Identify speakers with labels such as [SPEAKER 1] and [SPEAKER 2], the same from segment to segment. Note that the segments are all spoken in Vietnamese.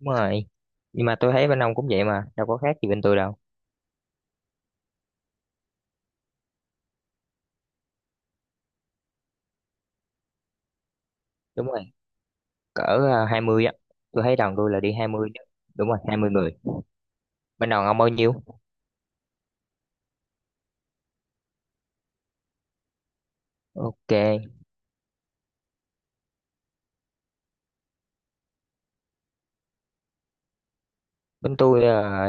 [SPEAKER 1] Đúng rồi. Nhưng mà tôi thấy bên ông cũng vậy mà, đâu có khác gì bên tôi đâu. Đúng rồi, cỡ à, 20 á. Tôi thấy đoàn tôi là đi 20 chứ. Đúng rồi, 20 người. Bên đoàn ông bao nhiêu? Ok, bên tôi là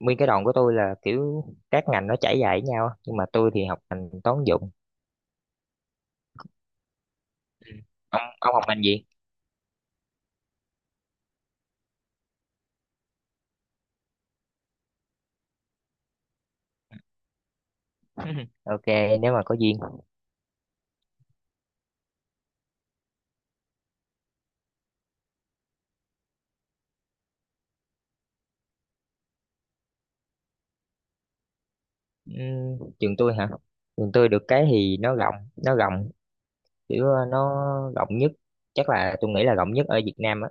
[SPEAKER 1] nguyên cái đoàn của tôi là kiểu các ngành nó trải dài với nhau, á. Nhưng mà tôi thì học ngành toán dụng. Ừ. Ông học ngành gì? Ok, nếu mà có duyên. Trường tôi hả? Trường tôi được cái thì nó rộng, kiểu nó rộng nhất, chắc là tôi nghĩ là rộng nhất ở Việt Nam á.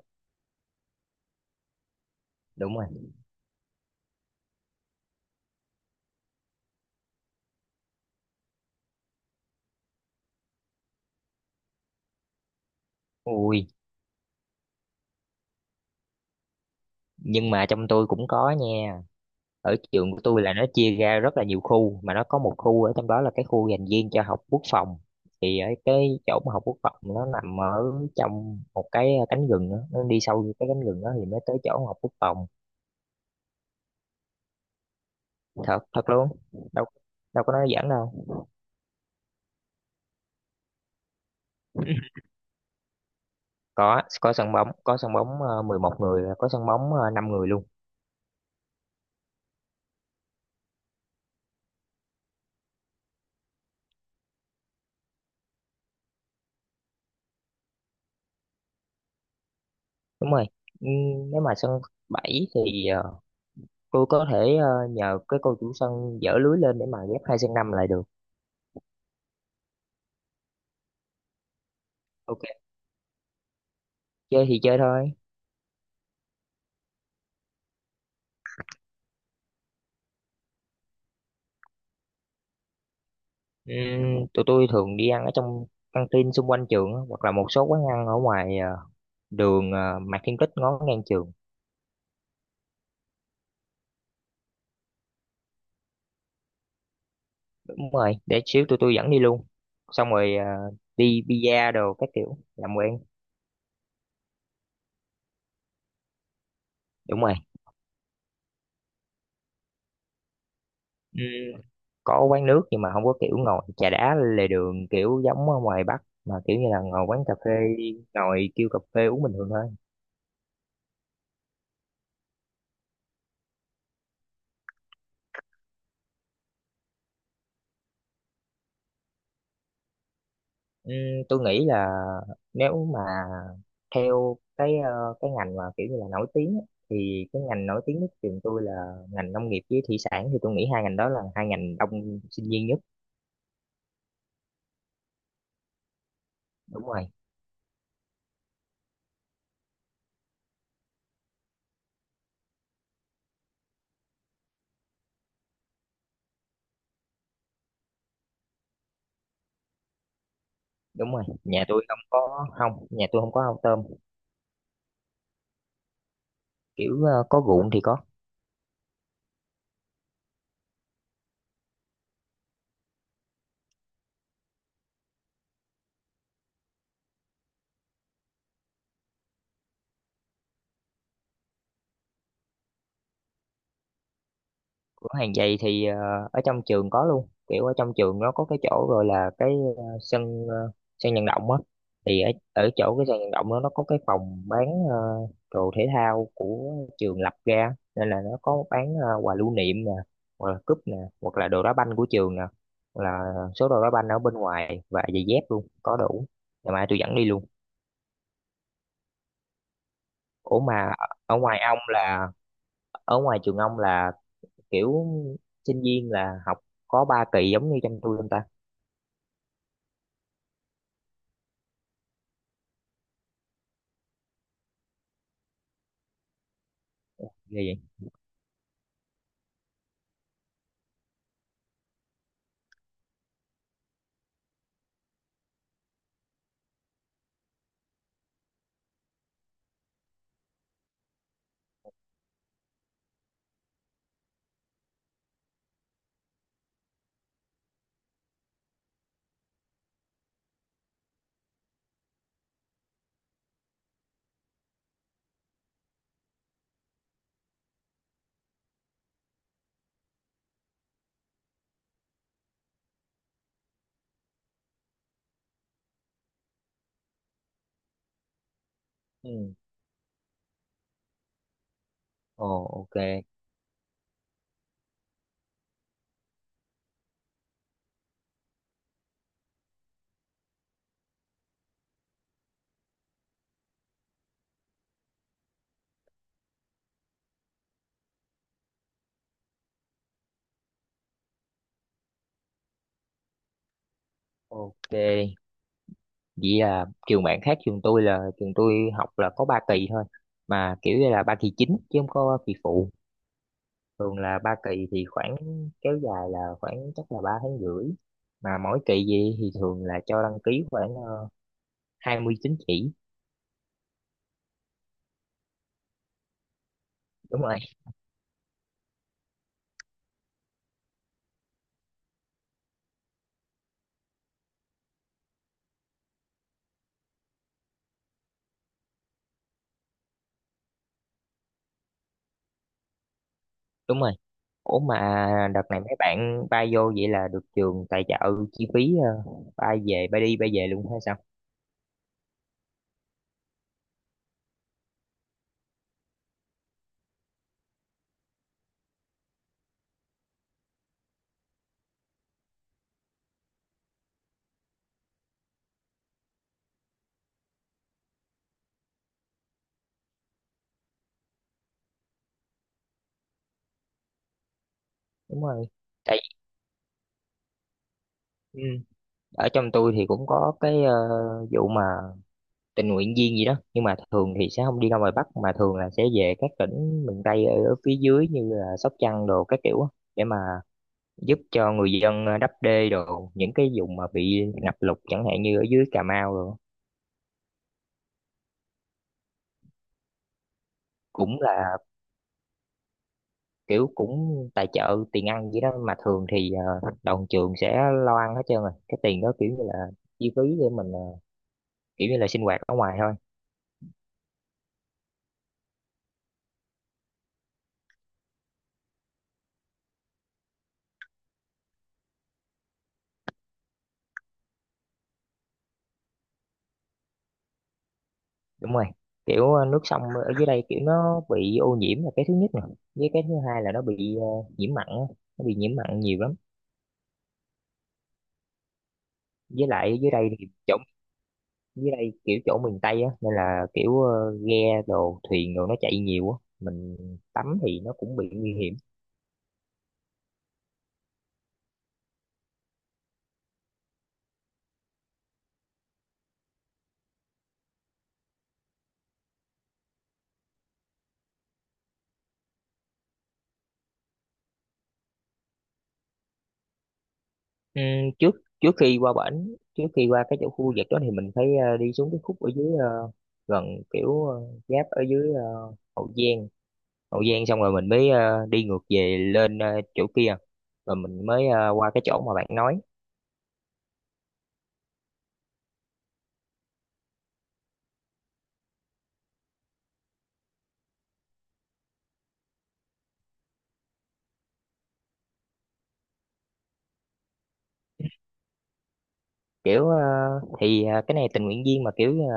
[SPEAKER 1] Đúng rồi. Ui, nhưng mà trong tôi cũng có nha. Ở trường của tôi là nó chia ra rất là nhiều khu, mà nó có một khu ở trong đó là cái khu dành riêng cho học quốc phòng. Thì ở cái chỗ mà học quốc phòng nó nằm ở trong một cái cánh rừng đó. Nó đi sâu vô cái cánh rừng đó thì mới tới chỗ học quốc phòng. Thật thật luôn. Đâu đâu có nói giỡn đâu. Có sân bóng, có sân bóng 11 người, có sân bóng 5 người luôn. Đúng rồi. Ừ, nếu mà sân 7 thì tôi có thể nhờ cái cô chủ sân dỡ lưới lên để mà ghép hai sân năm lại được. Ok, chơi thì chơi thôi. Tụi tôi thường đi ăn ở trong căng tin xung quanh trường á, hoặc là một số quán ăn ở ngoài đường Mạc Thiên Kích ngó ngang trường. Đúng rồi, để xíu tụi tôi dẫn đi luôn, xong rồi đi pizza đồ các kiểu làm quen. Đúng rồi. Ừm, có quán nước nhưng mà không có kiểu ngồi trà đá lề đường kiểu giống ở ngoài Bắc, mà kiểu như là ngồi quán cà phê, ngồi kêu cà phê uống bình thường thôi. Ừm, tôi nghĩ là nếu mà theo cái cái ngành mà kiểu như là nổi tiếng á, thì cái ngành nổi tiếng nhất trường tôi là ngành nông nghiệp với thủy sản, thì tôi nghĩ hai ngành đó là hai ngành đông sinh viên nhất. Đúng rồi. Đúng rồi, nhà tôi không có ao tôm. Kiểu có ruộng thì có. Cửa hàng giày thì ở trong trường có luôn, kiểu ở trong trường nó có cái chỗ rồi, là cái ờ, sân ờ, sân vận động á. Thì ở ở chỗ cái sân vận động đó nó có cái phòng bán đồ thể thao của trường lập ra, nên là nó có bán quà lưu niệm nè, hoặc là cúp nè, hoặc là đồ đá banh của trường nè, hoặc là số đồ đá banh ở bên ngoài và giày dép luôn, có đủ. Ngày mai tôi dẫn đi luôn. Ủa mà ở ngoài ông là ở ngoài trường ông là kiểu sinh viên là học có ba kỳ giống như trong tôi không ta? Ghê vậy. Ừ. Ồ. Ok. Ok, vậy là trường bạn khác trường tôi, là trường tôi học là có ba kỳ thôi, mà kiểu như là ba kỳ chính chứ không có kỳ phụ. Thường là ba kỳ thì khoảng, kéo dài là khoảng chắc là 3 tháng rưỡi, mà mỗi kỳ gì thì thường là cho đăng ký khoảng 20 tín chỉ. Đúng rồi. Đúng rồi. Ủa mà đợt này mấy bạn bay vô vậy là được trường tài trợ chi phí bay đi bay về luôn hay sao? Đúng rồi. Tại ừ, ở trong tôi thì cũng có cái vụ mà tình nguyện viên gì đó, nhưng mà thường thì sẽ không đi ra ngoài Bắc, mà thường là sẽ về các tỉnh miền Tây ở phía dưới như là Sóc Trăng đồ các kiểu á, để mà giúp cho người dân đắp đê đồ những cái vùng mà bị ngập lụt, chẳng hạn như ở dưới Cà Mau rồi. Cũng là kiểu cũng tài trợ tiền ăn gì đó, mà thường thì đoàn trường sẽ lo ăn hết trơn rồi, cái tiền đó kiểu như là chi phí để mình kiểu như là sinh hoạt ở ngoài thôi. Đúng rồi, kiểu nước sông ở dưới đây kiểu nó bị ô nhiễm là cái thứ nhất nè, với cái thứ hai là nó bị nhiễm mặn á. Nó bị nhiễm mặn nhiều lắm. Với lại dưới đây thì chỗ, dưới đây kiểu chỗ miền Tây á nên là kiểu ghe đồ thuyền đồ nó chạy nhiều á, mình tắm thì nó cũng bị nguy hiểm. Ừ, trước trước khi qua bển trước khi qua cái chỗ khu vực đó thì mình phải đi xuống cái khúc ở dưới gần, kiểu giáp ở dưới Hậu Giang. Hậu Giang xong rồi mình mới đi ngược về lên chỗ kia, rồi mình mới qua cái chỗ mà bạn nói. Kiểu thì cái này tình nguyện viên mà kiểu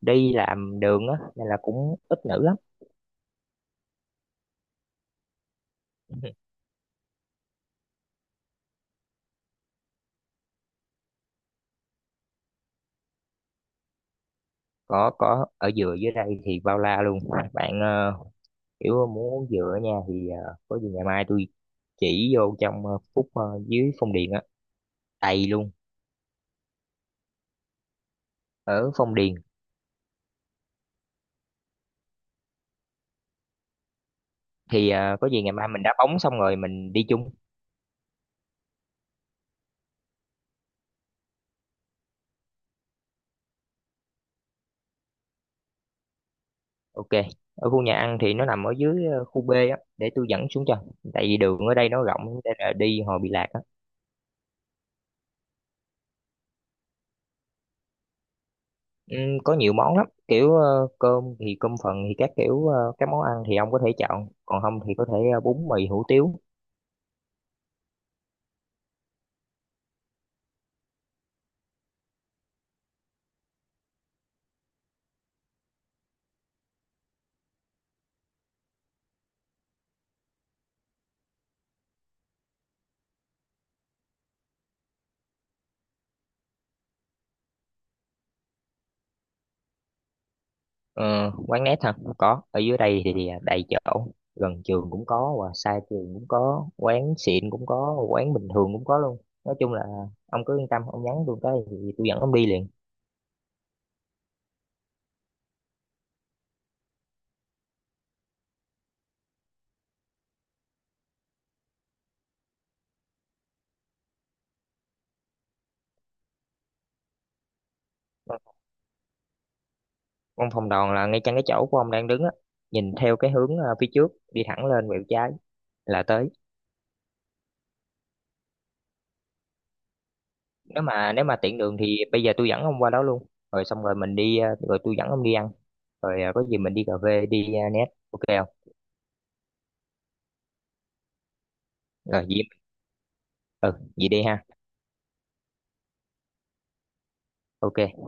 [SPEAKER 1] đi làm đường á nên là cũng ít nữ lắm. Có ở dừa dưới đây thì bao la luôn. Bạn kiểu muốn dừa nha thì có gì ngày mai tôi chỉ vô trong phút dưới Phong Điền á. Đầy luôn. Ở Phong Điền thì có gì ngày mai mình đá bóng xong rồi mình đi chung. Ok. Ở khu nhà ăn thì nó nằm ở dưới khu B á, để tôi dẫn xuống cho, tại vì đường ở đây nó rộng nên là đi hồi bị lạc á. Có nhiều món lắm, kiểu cơm thì cơm phần thì các kiểu các món ăn thì ông có thể chọn, còn không thì có thể bún mì hủ tiếu. Ờ, Quán nét hả, có, ở dưới đây thì, đầy chỗ. Gần trường cũng có và xa trường cũng có, quán xịn cũng có, quán bình thường cũng có luôn. Nói chung là à, ông cứ yên tâm, ông nhắn tôi cái thì tôi dẫn ông đi liền. Văn phòng đoàn là ngay chân cái chỗ của ông đang đứng á, nhìn theo cái hướng phía trước đi thẳng lên quẹo trái là tới. Nếu mà tiện đường thì bây giờ tôi dẫn ông qua đó luôn. Rồi xong rồi rồi tôi dẫn ông đi ăn. Rồi có gì mình đi cà phê đi net ok không? Rồi gì, ừ, vậy đi ha. Ok.